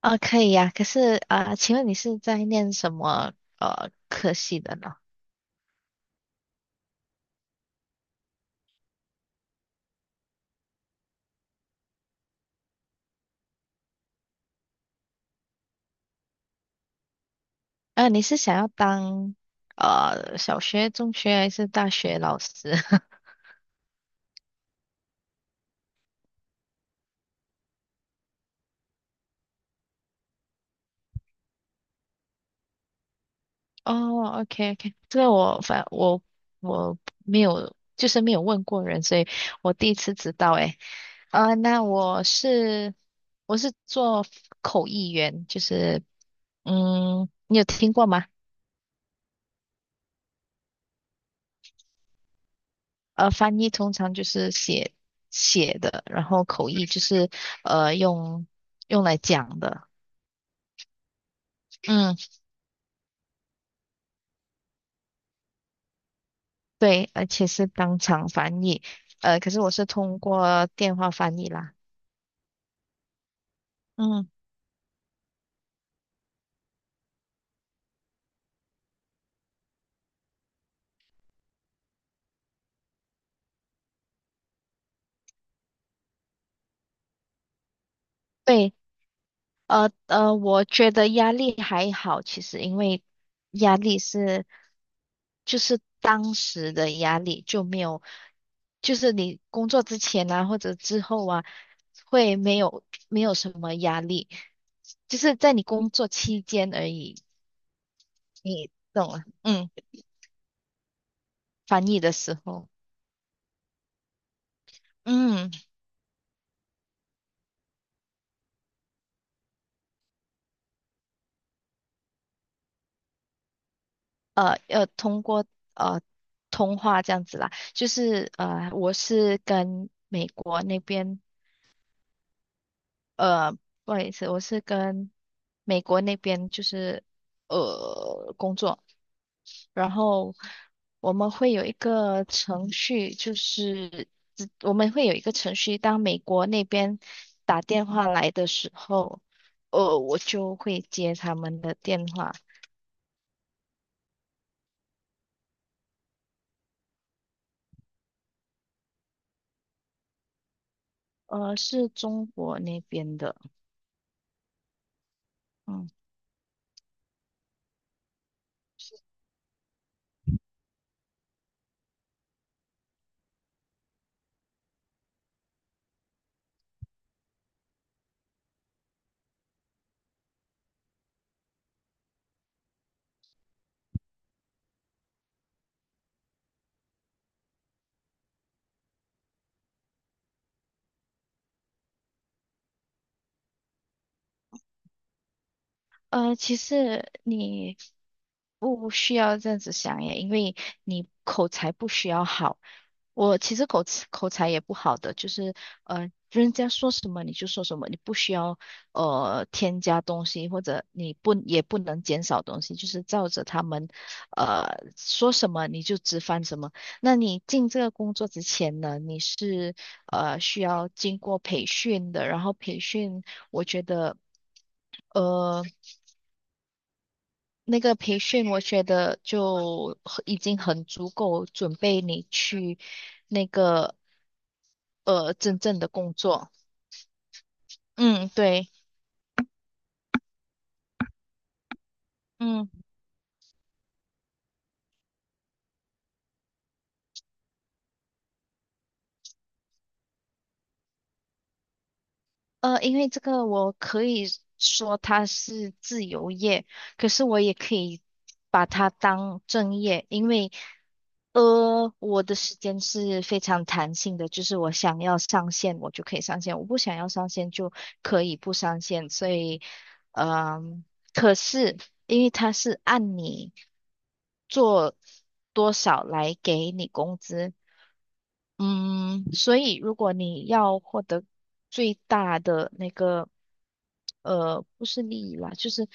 啊，可以呀、可是啊、请问你是在念什么科系的呢？你是想要当小学、中学还是大学老师？哦，OK OK，这个我反我我没有，就是没有问过人，所以我第一次知道诶。那我是做口译员，就是你有听过吗？翻译通常就是写的，然后口译就是呃用用来讲的。嗯，对，而且是当场翻译。可是我是通过电话翻译啦。嗯，对。我觉得压力还好，其实因为压力是就是当时的压力就没有，就是你工作之前啊或者之后啊，会没有什么压力，就是在你工作期间而已，你懂吗？嗯，翻译的时候，嗯，要通过呃通话这样子啦，就是我是跟美国那边。呃，不好意思，我是跟美国那边就是工作，然后我们会有一个程序，就是我们会有一个程序，当美国那边打电话来的时候，我就会接他们的电话，是中国那边的，嗯。其实你不需要这样子想耶，因为你口才不需要好。我其实口才也不好的，就是人家说什么你就说什么，你不需要添加东西，或者你不也不能减少东西，就是照着他们呃说什么你就直翻什么。那你进这个工作之前呢，你是需要经过培训的，然后培训。呃那个培训，我觉得已经很足够准备你去那个真正的工作。嗯，对，嗯。因为这个我可以说它是自由业，可是我也可以把它当正业，因为我的时间是非常弹性的，就是我想要上线我就可以上线，我不想要上线就可以不上线，所以嗯、可是因为它是按你做多少来给你工资，嗯，所以如果你要获得最大的那个，不是利益啦，就是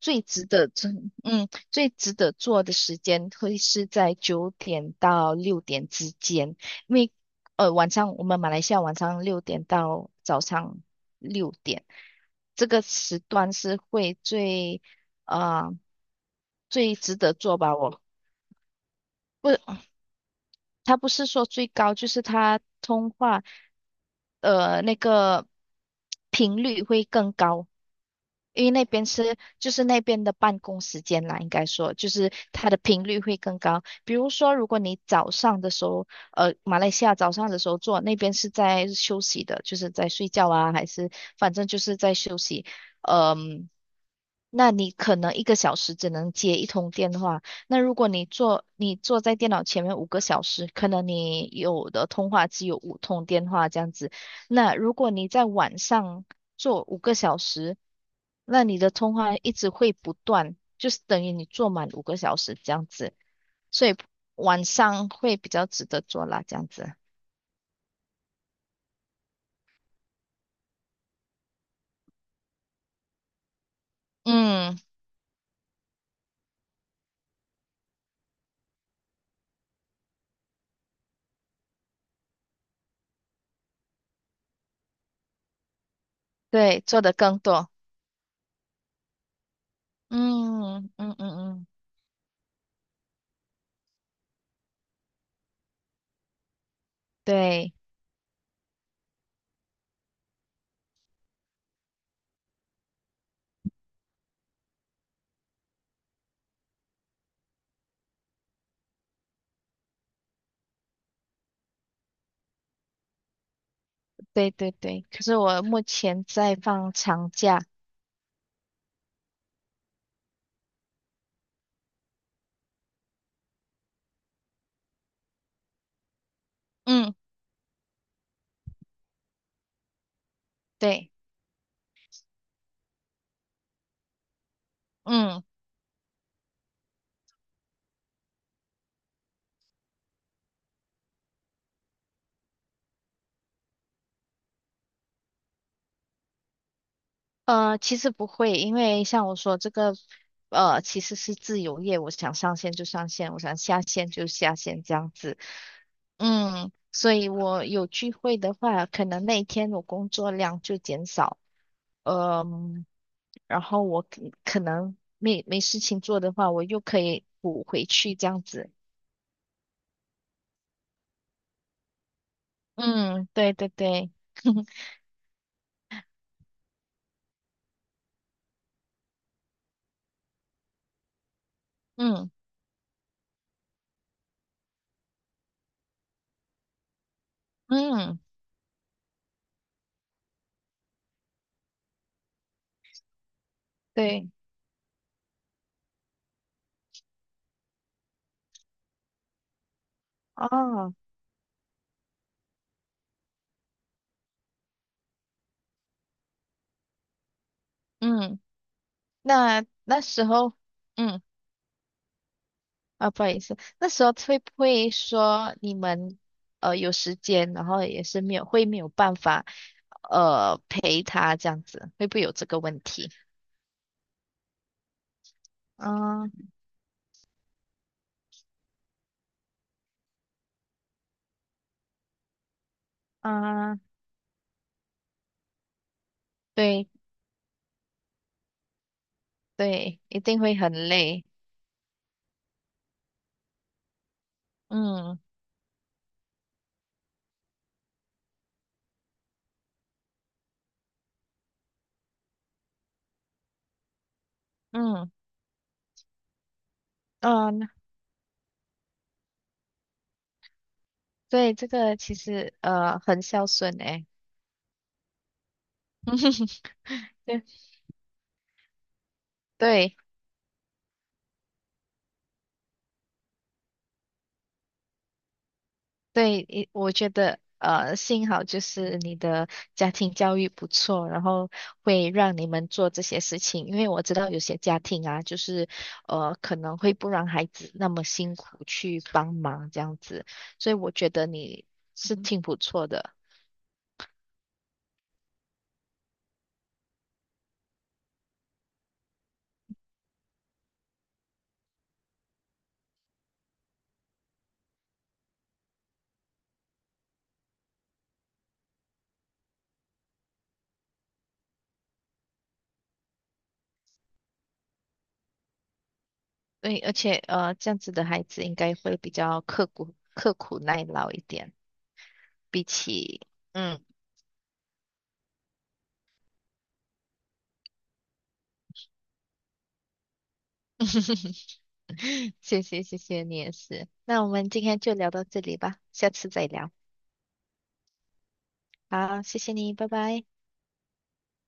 最值得做，最值得做的时间会是在9点到六点之间，因为晚上我们马来西亚晚上六点到早上六点，这个时段是会呃最值得做吧，我。他不是说最高，就是他通话，那个频率会更高，因为那边是就是那边的办公时间啦，应该说就是它的频率会更高。比如说，如果你早上的时候，马来西亚早上的时候做，那边是在休息的，就是在睡觉啊，还是反正就是在休息，呃嗯、那你可能1个小时只能接一通电话，那如果你坐在电脑前面五个小时，可能你有的通话只有五通电话这样子。那如果你在晚上做五个小时，那你的通话一直会不断，就是等于你坐满五个小时这样子。所以晚上会比较值得做啦，这样子。嗯，对，做的更多。嗯嗯嗯嗯，对对对对。可是我目前在放长假。嗯，对，嗯。其实不会，因为像我说这个，其实是自由业，我想上线就上线，我想下线就下线这样子。嗯，所以我有聚会的话，可能那一天我工作量就减少，嗯，然后我可能没事情做的话，我又可以补回去这样子。嗯，对对对，嗯嗯，对，哦，嗯，那时候。嗯。啊，不好意思，那时候会不会说你们有时间，然后也是没有会没有办法陪他这样子，会不会有这个问题？嗯嗯，对对，一定会很累。嗯嗯嗯，对，这个其实很孝顺诶。对对。对，我觉得幸好就是你的家庭教育不错，然后会让你们做这些事情。因为我知道有些家庭啊，就是可能会不让孩子那么辛苦去帮忙这样子，所以我觉得你是挺不错的。对，而且这样子的孩子应该会比较刻苦耐劳一点，比起嗯，谢谢谢谢你也是。那我们今天就聊到这里吧，下次再聊。好，谢谢你，拜拜。